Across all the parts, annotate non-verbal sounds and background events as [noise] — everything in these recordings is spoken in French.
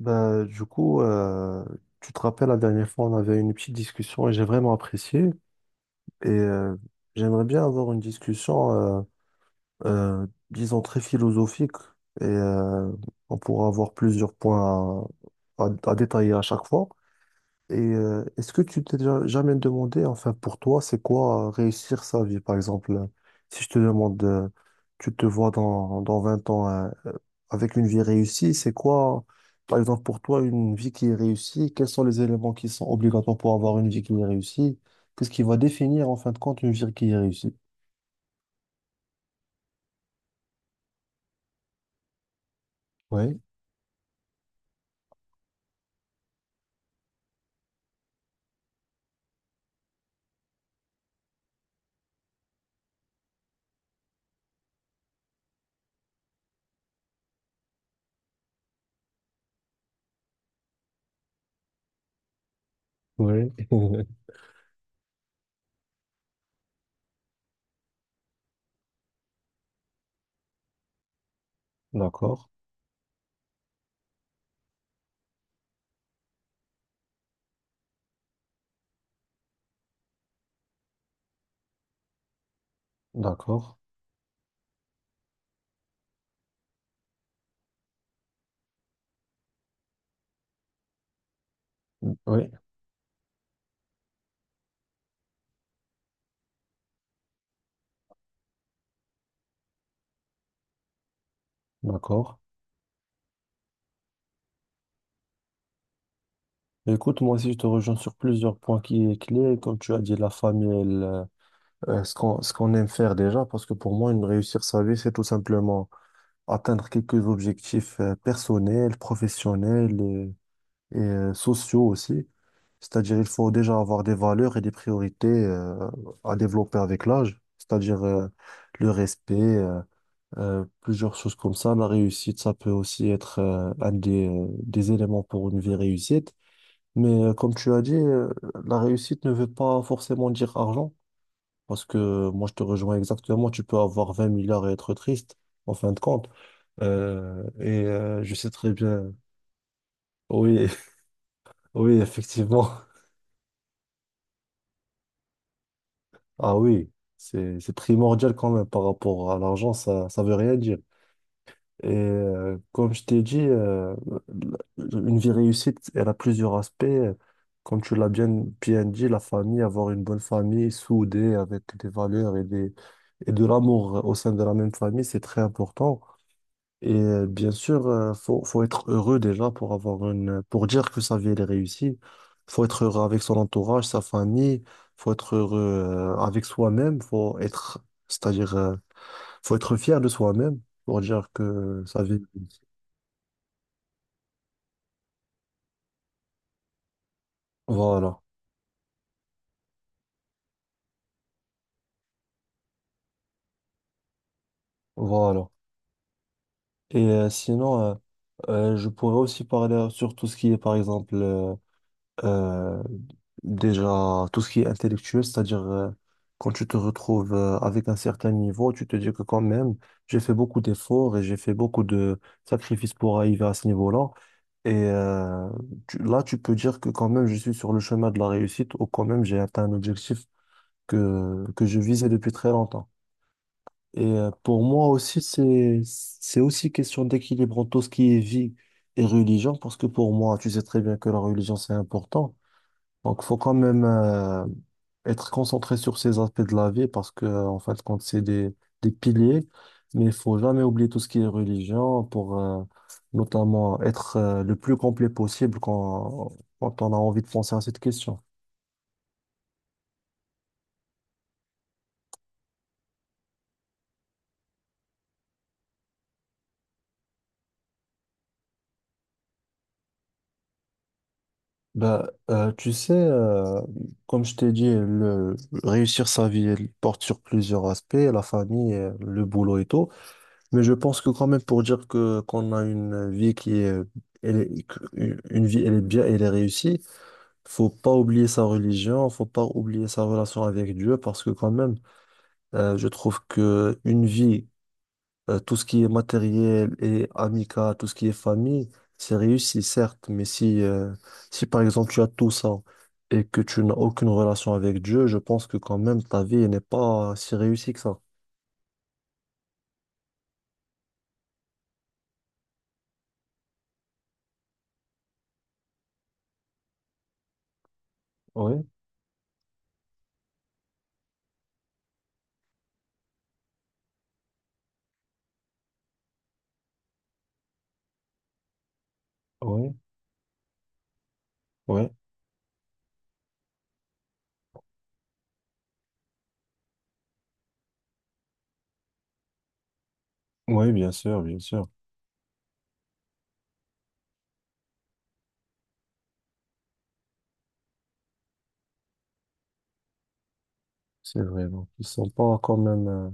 Bah, du coup, euh, Tu te rappelles, la dernière fois, on avait une petite discussion et j'ai vraiment apprécié. Et euh, J'aimerais bien avoir une discussion, euh, euh, disons, très philosophique. Et euh, on pourra avoir plusieurs points à détailler à chaque fois. Est-ce que tu t'es déjà jamais demandé, enfin pour toi, c'est quoi réussir sa vie? Par exemple, si je te demande, tu te vois dans 20 ans avec une vie réussie, c'est quoi, par exemple pour toi, une vie qui est réussie? Quels sont les éléments qui sont obligatoires pour avoir une vie qui est réussie? Qu'est-ce qui va définir en fin de compte une vie qui est réussie? Oui, oui, [laughs] d'accord, d'accord, oui, d'accord. Écoute, moi aussi, je te rejoins sur plusieurs points qui est clé. Comme tu as dit, la famille, elle ce ce qu'on aime faire déjà, parce que pour moi, une réussir sa vie, c'est tout simplement atteindre quelques objectifs personnels, professionnels et sociaux aussi. C'est-à-dire, il faut déjà avoir des valeurs et des priorités à développer avec l'âge, c'est-à-dire le respect, plusieurs choses comme ça. La réussite, ça peut aussi être un des éléments pour une vie réussite. Comme tu as dit, la réussite ne veut pas forcément dire argent. Parce que moi, je te rejoins exactement. Tu peux avoir 20 milliards et être triste, en fin de compte. Je sais très bien. Oui, [laughs] oui, effectivement. Ah oui, c'est primordial quand même par rapport à l'argent. Ça veut rien dire. Comme je t'ai dit, une vie réussite, elle a plusieurs aspects. Comme tu l'as bien, Bien dit, la famille, avoir une bonne famille soudée avec des valeurs et de l'amour au sein de la même famille, c'est très important. Et bien sûr, faut être heureux déjà pour avoir une, pour dire que sa vie elle est réussie. Faut être heureux avec son entourage, sa famille. Faut être heureux avec soi-même. C'est-à-dire, faut être fier de soi-même pour dire que sa vie est réussie. Voilà, voilà. Et euh, sinon, euh, je pourrais aussi parler sur tout ce qui est, par exemple, Euh, déjà, tout ce qui est intellectuel, c'est-à-dire quand tu te retrouves avec un certain niveau, tu te dis que quand même, j'ai fait beaucoup d'efforts et j'ai fait beaucoup de sacrifices pour arriver à ce niveau-là. Et euh, Là, tu peux dire que quand même, je suis sur le chemin de la réussite ou quand même, j'ai atteint un objectif que je visais depuis très longtemps. Pour moi aussi, c'est aussi question d'équilibre entre tout ce qui est vie et religion, parce que pour moi, tu sais très bien que la religion, c'est important. Donc, faut quand même être concentré sur ces aspects de la vie parce que, en fin de compte, c'est des piliers, mais il faut jamais oublier tout ce qui est religion pour notamment être le plus complet possible quand on a envie de penser à cette question. Tu sais, comme je t'ai dit, réussir sa vie, elle porte sur plusieurs aspects, la famille, le boulot et tout. Mais je pense que quand même pour dire que qu'on a une vie qui est, une vie elle est bien et elle est réussie, faut pas oublier sa religion, faut pas oublier sa relation avec Dieu parce que quand même je trouve que une vie tout ce qui est matériel et amical, tout ce qui est famille, c'est réussi certes, mais si par exemple tu as tout ça et que tu n'as aucune relation avec Dieu, je pense que quand même ta vie elle n'est pas si réussie que ça. Oui, oui, oui, oui, bien sûr, bien sûr. C'est vrai, donc ils sont pas quand même.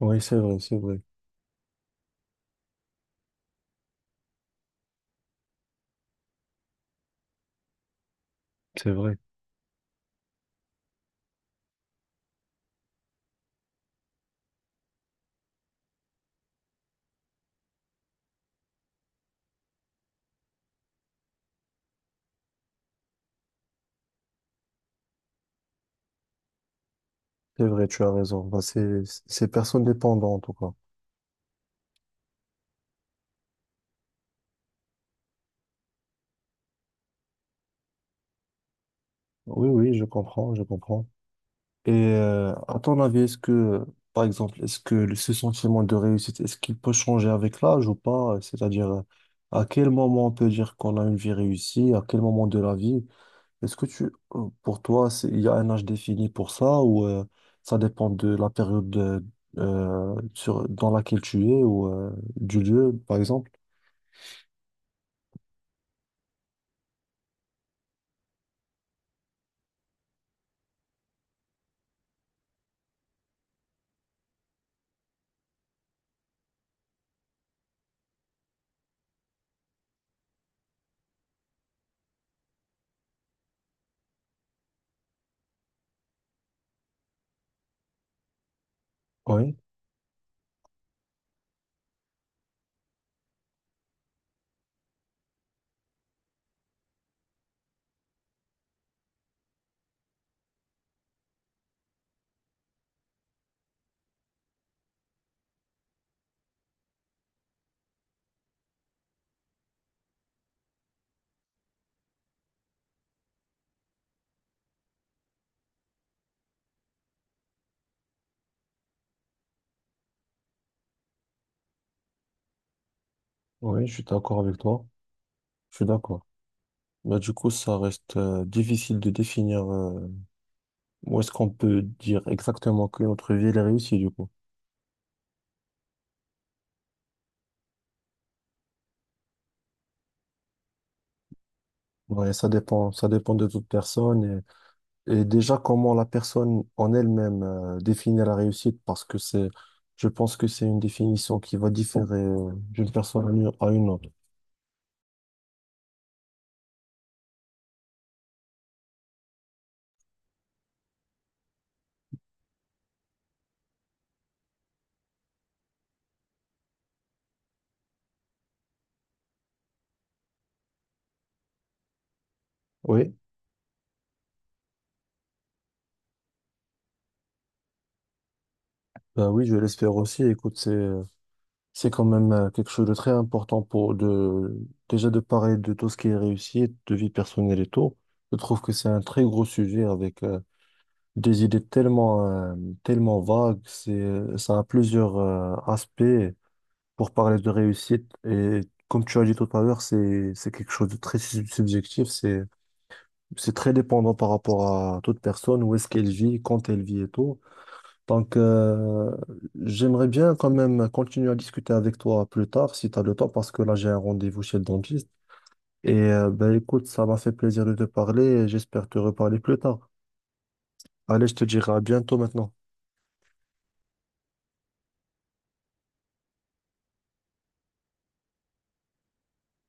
Oui, c'est vrai, c'est vrai, c'est vrai, c'est vrai, tu as raison. Bah, c'est personne dépendant en tout cas. Oui, oui, je comprends, je comprends. À ton avis, par exemple, est-ce que ce sentiment de réussite, est-ce qu'il peut changer avec l'âge ou pas? C'est-à-dire, à quel moment on peut dire qu'on a une vie réussie, à quel moment de la vie? Est-ce que tu, pour toi, il y a un âge défini pour ça ou ça dépend de la période dans laquelle tu es ou du lieu, par exemple? Oui, oui, je suis d'accord avec toi. Je suis d'accord. Ça reste difficile de définir où est-ce qu'on peut dire exactement que notre vie elle est réussie, du coup. Ouais, ça dépend de toute personne. Et déjà, comment la personne en elle-même définit la réussite, parce que je pense que c'est une définition qui va différer d'une personne à une autre. Oui, ben oui, je l'espère aussi. Écoute, c'est quand même quelque chose de très important pour déjà de parler de tout ce qui est réussite, de vie personnelle et tout. Je trouve que c'est un très gros sujet avec des idées tellement, tellement vagues. Ça a plusieurs aspects. Pour parler de réussite. Et comme tu as dit tout à l'heure, c'est quelque chose de très subjectif. C'est très dépendant par rapport à toute personne, où est-ce qu'elle vit, quand elle vit et tout. Donc, euh, J'aimerais bien quand même continuer à discuter avec toi plus tard, si tu as le temps, parce que là, j'ai un rendez-vous chez le dentiste. Écoute, ça m'a fait plaisir de te parler et j'espère te reparler plus tard. Allez, je te dirai à bientôt maintenant.